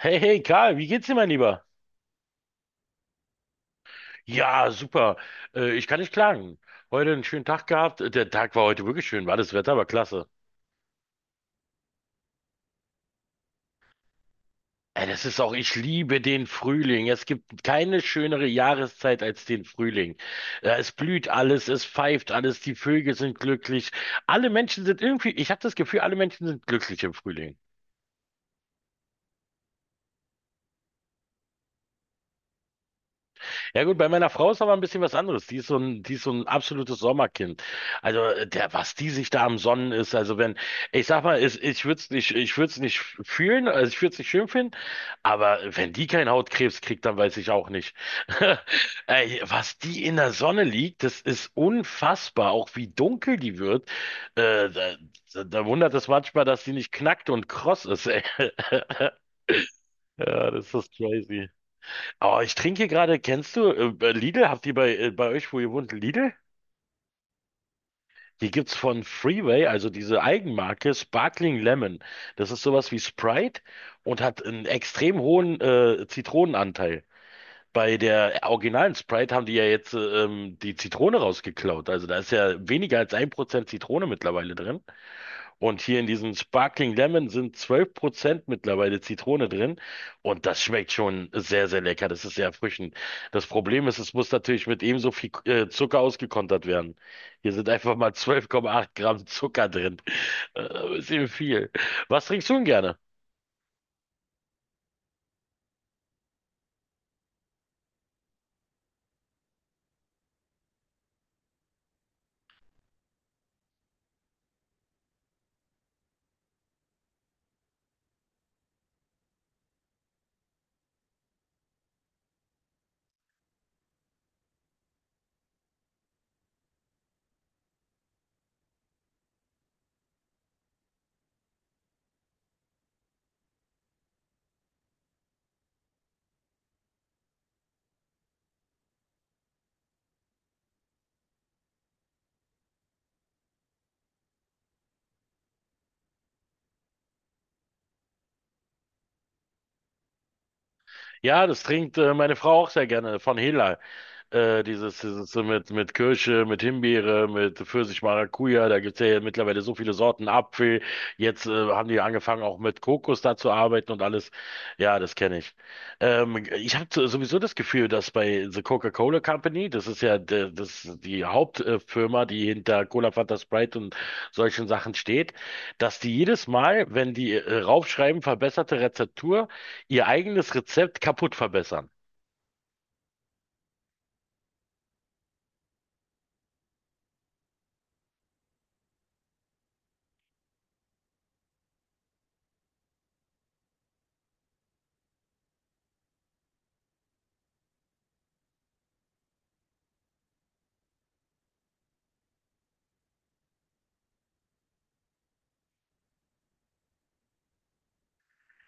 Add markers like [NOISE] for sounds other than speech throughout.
Hey, hey, Karl, wie geht's dir, mein Lieber? Ja, super. Ich kann nicht klagen. Heute einen schönen Tag gehabt. Der Tag war heute wirklich schön, war das Wetter war klasse. Ey, das ist auch, ich liebe den Frühling. Es gibt keine schönere Jahreszeit als den Frühling. Ja, es blüht alles, es pfeift alles, die Vögel sind glücklich. Alle Menschen sind irgendwie, ich habe das Gefühl, alle Menschen sind glücklich im Frühling. Ja gut, bei meiner Frau ist aber ein bisschen was anderes. Die ist so ein absolutes Sommerkind. Also der, was die sich da am Sonnen ist, also wenn, ich sag mal, ich würde es nicht fühlen, also ich würde es nicht schön finden, aber wenn die keinen Hautkrebs kriegt, dann weiß ich auch nicht. [LAUGHS] Ey, was die in der Sonne liegt, das ist unfassbar, auch wie dunkel die wird. Äh, da, da wundert es manchmal, dass die nicht knackt und kross ist. Ey. [LAUGHS] Ja, das ist crazy. Oh, ich trinke gerade, kennst du Lidl? Habt ihr bei euch, wo ihr wohnt, Lidl? Hier gibt's von Freeway, also diese Eigenmarke, Sparkling Lemon. Das ist sowas wie Sprite und hat einen extrem hohen Zitronenanteil. Bei der originalen Sprite haben die ja jetzt die Zitrone rausgeklaut. Also da ist ja weniger als 1% Zitrone mittlerweile drin. Und hier in diesem Sparkling Lemon sind 12% mittlerweile Zitrone drin. Und das schmeckt schon sehr, sehr lecker. Das ist sehr erfrischend. Das Problem ist, es muss natürlich mit ebenso viel Zucker ausgekontert werden. Hier sind einfach mal 12,8 Gramm Zucker drin. Ist eben viel. Was trinkst du denn gerne? Ja, das trinkt meine Frau auch sehr gerne von Hela. Dieses so mit Kirsche, mit Himbeere, mit Pfirsich, Maracuja, da gibt's ja mittlerweile so viele Sorten Apfel. Jetzt haben die angefangen, auch mit Kokos da zu arbeiten und alles. Ja, das kenne ich. Ich habe sowieso das Gefühl, dass bei The Coca-Cola Company das ist ja die Hauptfirma, die hinter Cola, Fanta, Sprite und solchen Sachen steht, dass die jedes Mal, wenn die raufschreiben, verbesserte Rezeptur, ihr eigenes Rezept kaputt verbessern.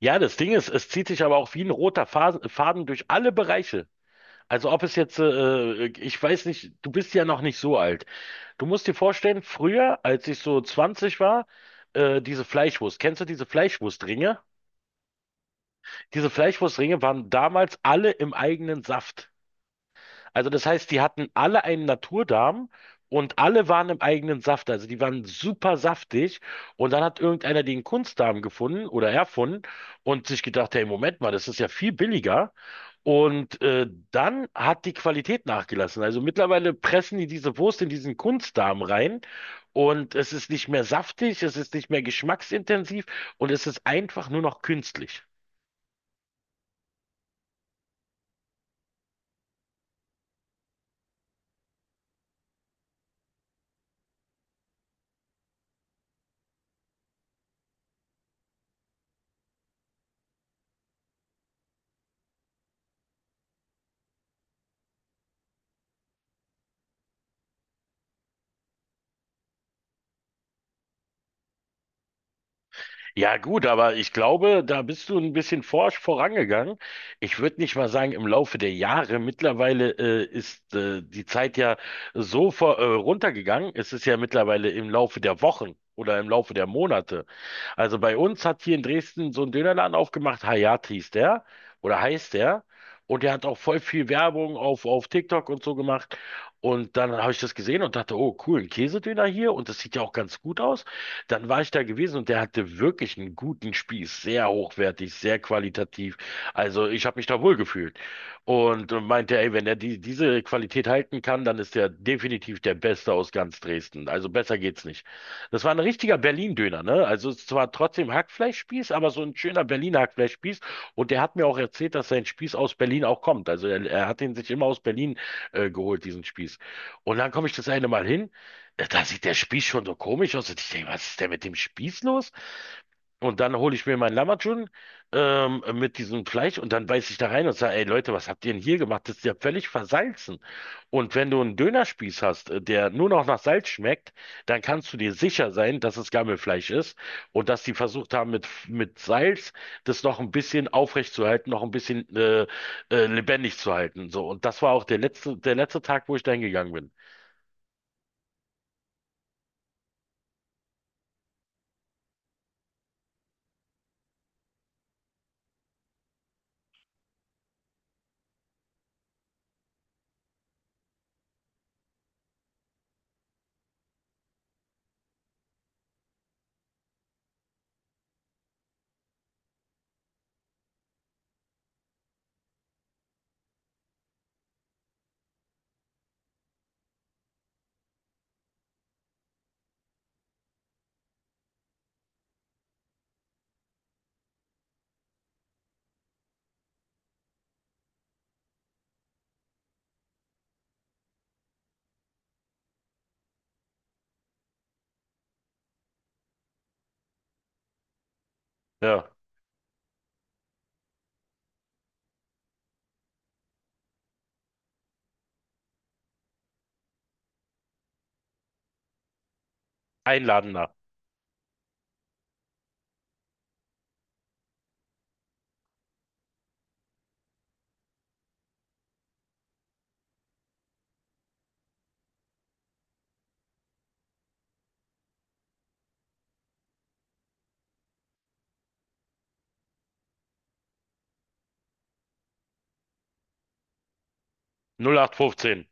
Ja, das Ding ist, es zieht sich aber auch wie ein roter Faden durch alle Bereiche. Also ob es jetzt, ich weiß nicht, du bist ja noch nicht so alt. Du musst dir vorstellen, früher, als ich so 20 war, diese Fleischwurst, kennst du diese Fleischwurstringe? Diese Fleischwurstringe waren damals alle im eigenen Saft. Also das heißt, die hatten alle einen Naturdarm und alle waren im eigenen Saft. Also die waren super saftig. Und dann hat irgendeiner den Kunstdarm gefunden oder erfunden und sich gedacht, hey, Moment mal, das ist ja viel billiger. Und dann hat die Qualität nachgelassen. Also mittlerweile pressen die diese Wurst in diesen Kunstdarm rein und es ist nicht mehr saftig, es ist nicht mehr geschmacksintensiv und es ist einfach nur noch künstlich. Ja, gut, aber ich glaube, da bist du ein bisschen forsch vorangegangen. Ich würde nicht mal sagen, im Laufe der Jahre mittlerweile ist die Zeit ja so runtergegangen. Es ist ja mittlerweile im Laufe der Wochen oder im Laufe der Monate. Also bei uns hat hier in Dresden so ein Dönerladen aufgemacht, Hayat hieß der oder heißt der. Und der hat auch voll viel Werbung auf TikTok und so gemacht. Und dann habe ich das gesehen und dachte, oh cool, ein Käsedöner hier und das sieht ja auch ganz gut aus. Dann war ich da gewesen und der hatte wirklich einen guten Spieß, sehr hochwertig, sehr qualitativ. Also ich habe mich da wohl gefühlt und meinte, ey, wenn er diese Qualität halten kann, dann ist er definitiv der Beste aus ganz Dresden. Also besser geht's nicht. Das war ein richtiger Berlin-Döner, ne? Also es ist zwar trotzdem Hackfleischspieß, aber so ein schöner Berliner Hackfleischspieß. Und der hat mir auch erzählt, dass sein Spieß aus Berlin auch kommt. Also er hat ihn sich immer aus Berlin geholt, diesen Spieß. Und dann komme ich das eine Mal hin. Ja, da sieht der Spieß schon so komisch aus. Und ich denke, was ist denn mit dem Spieß los? Und dann hole ich mir meinen Lammatschun mit diesem Fleisch und dann beiß ich da rein und sage, ey Leute, was habt ihr denn hier gemacht? Das ist ja völlig versalzen. Und wenn du einen Dönerspieß hast, der nur noch nach Salz schmeckt, dann kannst du dir sicher sein, dass es Gammelfleisch ist und dass die versucht haben, mit Salz das noch ein bisschen aufrecht zu halten, noch ein bisschen lebendig zu halten. So. Und das war auch der letzte Tag, wo ich da hingegangen bin. Ja, einladender. 0815.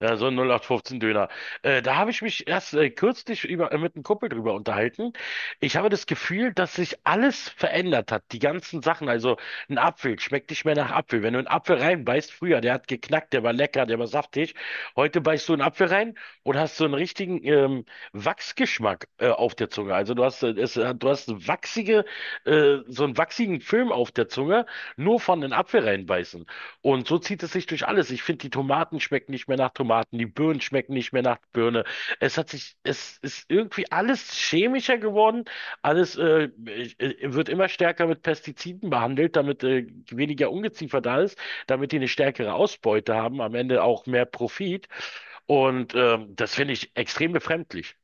Ja, so ein 0815-Döner. Da habe ich mich erst kürzlich mit einem Kumpel drüber unterhalten. Ich habe das Gefühl, dass sich alles verändert hat. Die ganzen Sachen. Also ein Apfel schmeckt nicht mehr nach Apfel. Wenn du einen Apfel reinbeißt, früher, der hat geknackt, der war lecker, der war saftig. Heute beißt du einen Apfel rein und hast so einen richtigen Wachsgeschmack auf der Zunge. Also du hast so einen wachsigen Film auf der Zunge, nur von den Apfel reinbeißen. Und so zieht es sich durch alles. Ich finde, die Tomaten schmecken nicht mehr nach Tomaten, die Birnen schmecken nicht mehr nach Birne. Es ist irgendwie alles chemischer geworden. Alles wird immer stärker mit Pestiziden behandelt, damit weniger Ungeziefer da ist, damit die eine stärkere Ausbeute haben, am Ende auch mehr Profit. Und das finde ich extrem befremdlich.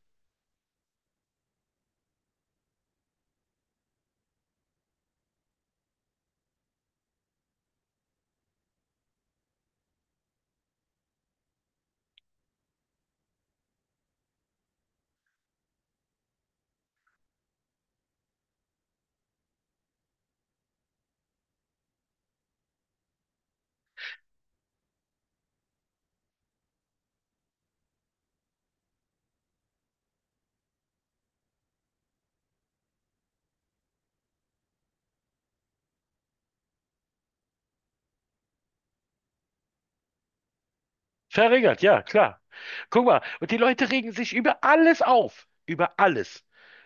Verärgert, ja, klar. Guck mal, und die Leute regen sich über alles auf. Über alles.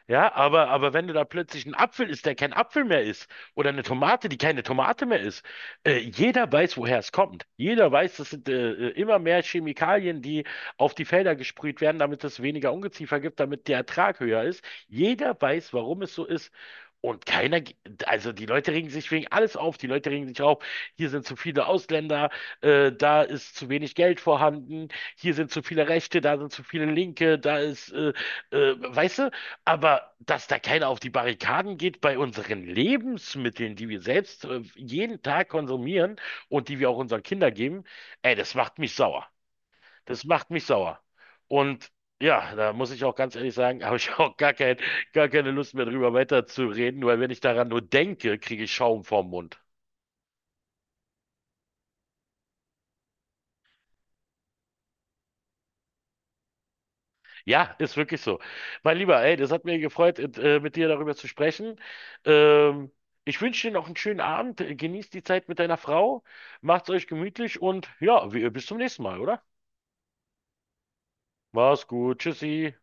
Ja, aber wenn du da plötzlich einen Apfel isst, der kein Apfel mehr ist, oder eine Tomate, die keine Tomate mehr ist, jeder weiß, woher es kommt. Jeder weiß, das sind immer mehr Chemikalien, die auf die Felder gesprüht werden, damit es weniger Ungeziefer gibt, damit der Ertrag höher ist. Jeder weiß, warum es so ist. Und keiner, also die Leute regen sich wegen alles auf, die Leute regen sich auf, hier sind zu viele Ausländer, da ist zu wenig Geld vorhanden, hier sind zu viele Rechte, da sind zu viele Linke, weißt du, aber dass da keiner auf die Barrikaden geht bei unseren Lebensmitteln, die wir selbst jeden Tag konsumieren und die wir auch unseren Kindern geben, ey, das macht mich sauer. Das macht mich sauer. Und ja, da muss ich auch ganz ehrlich sagen, [LAUGHS] habe ich auch gar keine Lust mehr drüber weiterzureden, weil wenn ich daran nur denke, kriege ich Schaum vorm Mund. Ja, ist wirklich so. Mein Lieber, ey, das hat mir gefreut, mit dir darüber zu sprechen. Ähm, Ich wünsche dir noch einen schönen Abend. Genießt die Zeit mit deiner Frau. Macht's euch gemütlich und ja, bis zum nächsten Mal, oder? Mach's gut. Tschüssi.